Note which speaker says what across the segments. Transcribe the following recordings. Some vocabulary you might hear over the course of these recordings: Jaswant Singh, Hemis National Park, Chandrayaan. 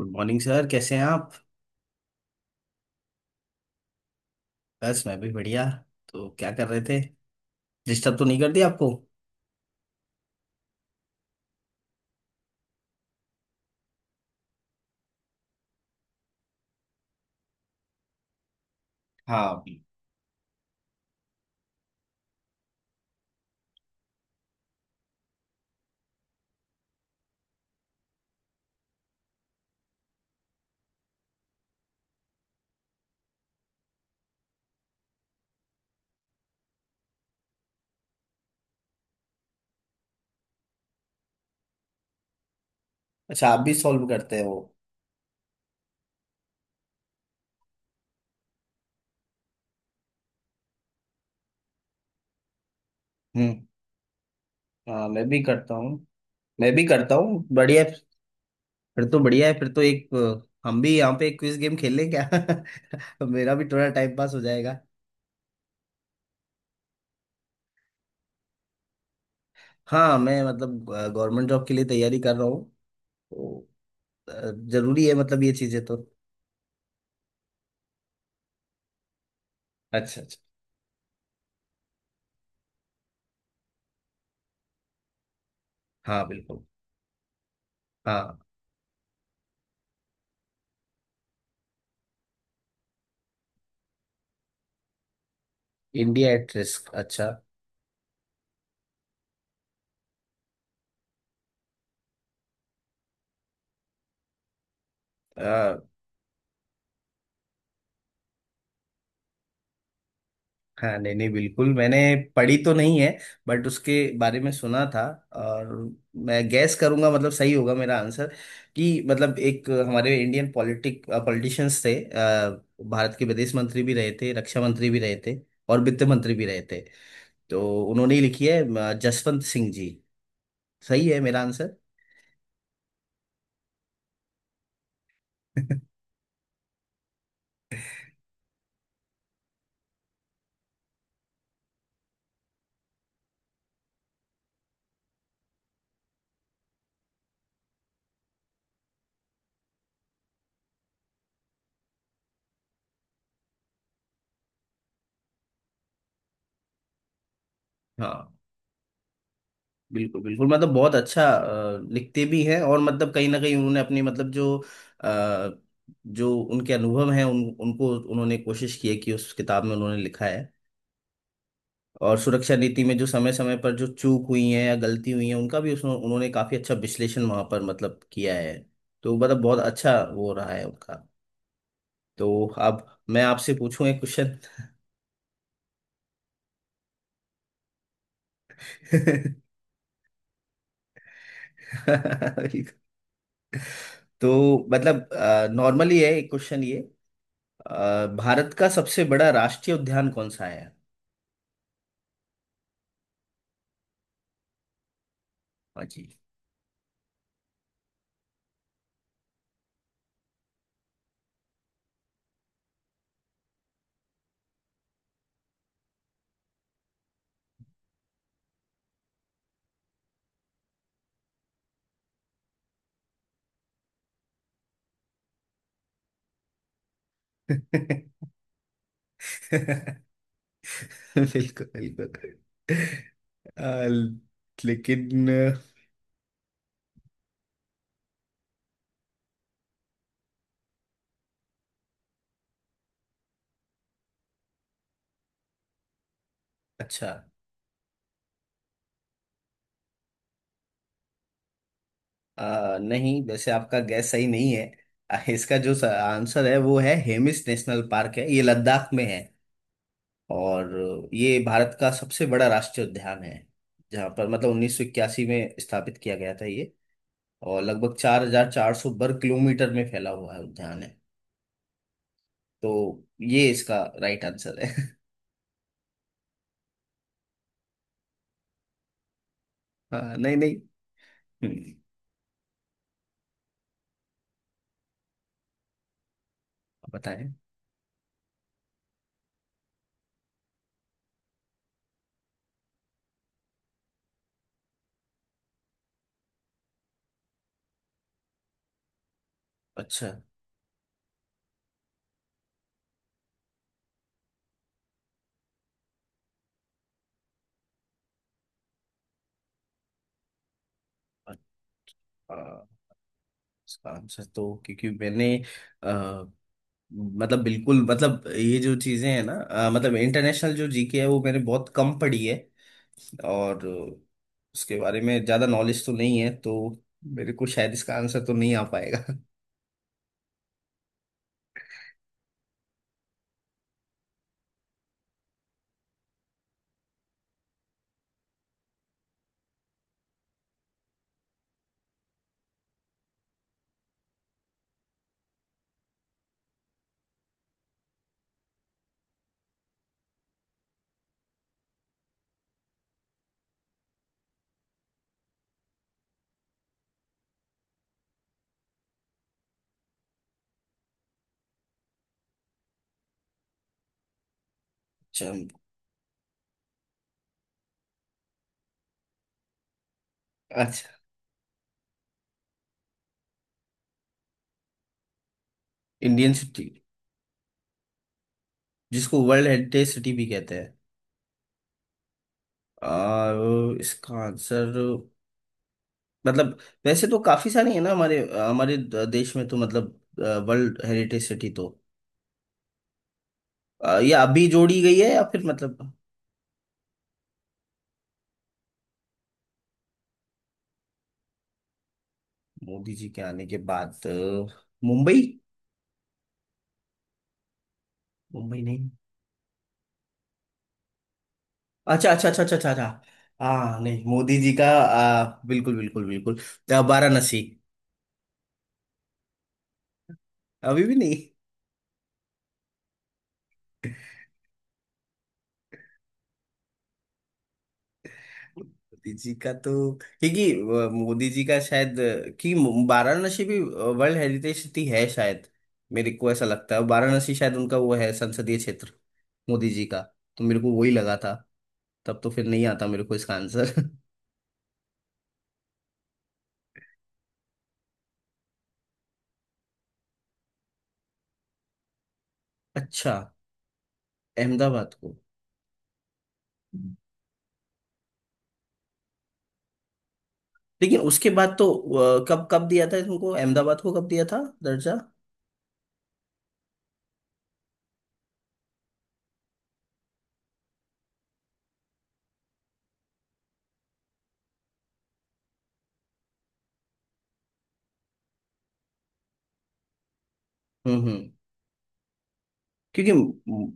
Speaker 1: Good morning sir, कैसे हैं आप। बस मैं भी बढ़िया। तो क्या कर रहे थे? डिस्टर्ब तो नहीं कर दिया आपको? अच्छा, आप भी सॉल्व करते हो? हम्म। हाँ, मैं भी करता हूँ। मैं भी करता हूँ, बढ़िया है। फिर तो बढ़िया है, फिर तो एक हम भी यहाँ पे एक क्विज गेम खेल लें क्या? मेरा भी थोड़ा टाइम पास हो जाएगा। हाँ, मैं मतलब गवर्नमेंट जॉब के लिए तैयारी कर रहा हूँ तो जरूरी है मतलब ये चीजें तो। अच्छा अच्छा। हाँ बिल्कुल। हाँ। India at risk. अच्छा। हाँ नहीं नहीं, बिल्कुल मैंने पढ़ी तो नहीं है, बट उसके बारे में सुना था। और मैं गैस करूंगा, मतलब सही होगा मेरा आंसर कि मतलब एक हमारे इंडियन पॉलिटिक पॉलिटिशियंस थे। भारत के विदेश मंत्री भी रहे थे, रक्षा मंत्री भी रहे थे, और वित्त मंत्री भी रहे थे। तो उन्होंने ही लिखी है, जसवंत सिंह जी। सही है मेरा आंसर? हाँ बिल्कुल बिल्कुल, मतलब बहुत अच्छा लिखते भी हैं। और मतलब कहीं ना कहीं उन्होंने अपनी मतलब जो अ, जो उनके अनुभव हैं उन उनको उन्होंने कोशिश की है कि उस किताब में उन्होंने लिखा है। और सुरक्षा नीति में जो समय समय पर जो चूक हुई है या गलती हुई है, उनका भी उसमें उन्होंने काफी अच्छा विश्लेषण वहां पर मतलब किया है। तो मतलब बहुत अच्छा वो रहा है उनका। तो अब मैं आपसे पूछूं एक क्वेश्चन। तो मतलब नॉर्मली है एक क्वेश्चन ये, भारत का सबसे बड़ा राष्ट्रीय उद्यान कौन सा है? हाँ जी। बिल्कुल बिल्कुल। अ, लेकिन अच्छा। नहीं, वैसे आपका गैस सही नहीं है। इसका जो आंसर है वो है हेमिस नेशनल पार्क, है ये लद्दाख में। है और ये भारत का सबसे बड़ा राष्ट्रीय उद्यान है, जहाँ पर मतलब 1981 में स्थापित किया गया था ये, और लगभग 4400 वर्ग किलोमीटर में फैला हुआ है उद्यान है। तो ये इसका राइट आंसर है। हाँ, नहीं नहीं। हम्म, बताएं। अच्छा। अ- अ, इसका आंसर, तो क्योंकि मैंने अ, मतलब बिल्कुल मतलब ये जो चीजें हैं ना, मतलब इंटरनेशनल जो जीके है वो मैंने बहुत कम पढ़ी है। और उसके बारे में ज्यादा नॉलेज तो नहीं है, तो मेरे को शायद इसका आंसर तो नहीं आ पाएगा। अच्छा अच्छा। Indian city? जिसको वर्ल्ड हेरिटेज सिटी भी कहते हैं? इसका आंसर मतलब वैसे तो काफी सारी है ना हमारे हमारे द- देश में, तो मतलब वर्ल्ड हेरिटेज सिटी तो ये अभी जोड़ी गई है या फिर मतलब? मोदी जी के आने के बाद, मुंबई? मुंबई नहीं? अच्छा अच्छा अच्छा अच्छा अच्छा अच्छा। हाँ नहीं, मोदी जी का, बिल्कुल बिल्कुल बिल्कुल। वाराणसी? अभी भी नहीं? मोदी जी का तो क्योंकि मोदी जी का शायद, कि वाराणसी भी वर्ल्ड हेरिटेज सिटी है शायद। मेरे को ऐसा लगता है वाराणसी शायद उनका वो है संसदीय क्षेत्र, मोदी जी का। तो मेरे को वही लगा था। तब तो फिर नहीं आता मेरे को इसका आंसर। अच्छा। अहमदाबाद को? लेकिन उसके बाद तो, कब कब दिया था? तुमको अहमदाबाद को कब दिया था दर्जा? हम्म। क्योंकि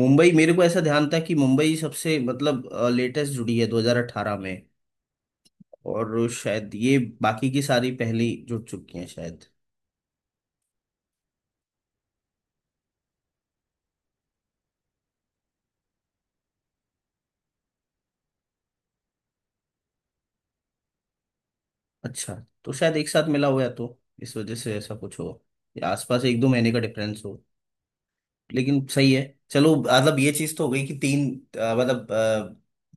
Speaker 1: मुंबई, मेरे को ऐसा ध्यान था कि मुंबई सबसे मतलब लेटेस्ट जुड़ी है 2018 में, और शायद ये बाकी की सारी पहली जुड़ चुकी हैं शायद। अच्छा। तो शायद एक साथ मिला हुआ है तो इस वजह से ऐसा कुछ हो, या आसपास एक दो महीने का डिफरेंस हो। लेकिन सही है। चलो, मतलब ये चीज तो हो गई कि तीन, मतलब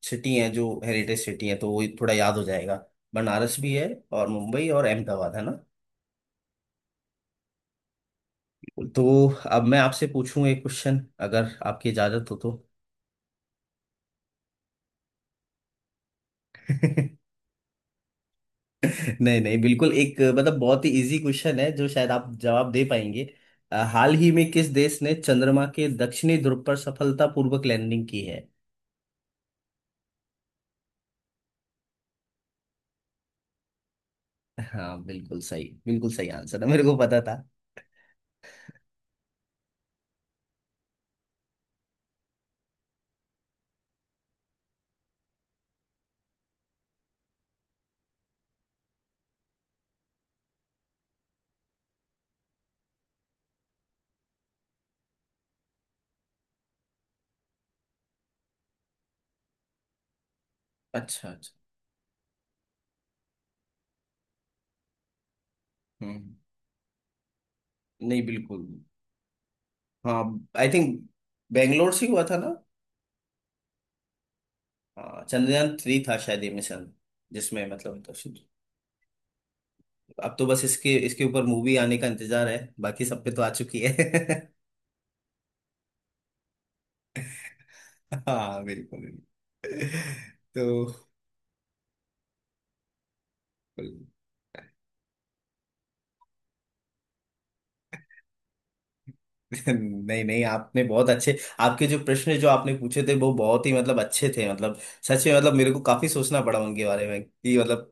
Speaker 1: सिटी हैं जो हेरिटेज सिटी हैं, तो वो थोड़ा याद हो जाएगा। बनारस भी है, और मुंबई और अहमदाबाद, है ना? तो अब मैं आपसे पूछूं एक क्वेश्चन, अगर आपकी इजाजत हो तो। नहीं नहीं, बिल्कुल एक, मतलब बहुत ही इजी क्वेश्चन है जो शायद आप जवाब दे पाएंगे। हाल ही में किस देश ने चंद्रमा के दक्षिणी ध्रुव पर सफलतापूर्वक लैंडिंग की है? हाँ बिल्कुल सही, बिल्कुल सही आंसर है, मेरे को पता था। अच्छा अच्छा। हम्म। नहीं बिल्कुल। हाँ। आई थिंक बेंगलोर से हुआ था ना? हाँ, चंद्रयान थ्री था शायद ये मिशन, जिसमें मतलब, तो अब तो बस इसके इसके ऊपर मूवी आने का इंतजार है, बाकी सब पे तो आ चुकी है। हाँ बिल्कुल बिल्कुल। तो नहीं नहीं, आपने बहुत अच्छे, आपके जो प्रश्न जो आपने पूछे थे वो बहुत ही मतलब अच्छे थे, मतलब सच में। मतलब मेरे को काफी सोचना पड़ा उनके बारे में, कि मतलब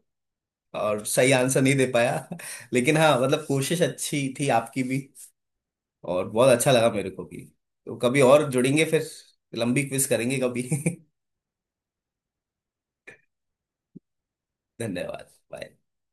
Speaker 1: और सही आंसर नहीं दे पाया। लेकिन हाँ मतलब कोशिश अच्छी थी आपकी भी, और बहुत अच्छा लगा मेरे को भी। तो कभी और जुड़ेंगे फिर, लंबी क्विज करेंगे कभी। धन्यवाद। Bye।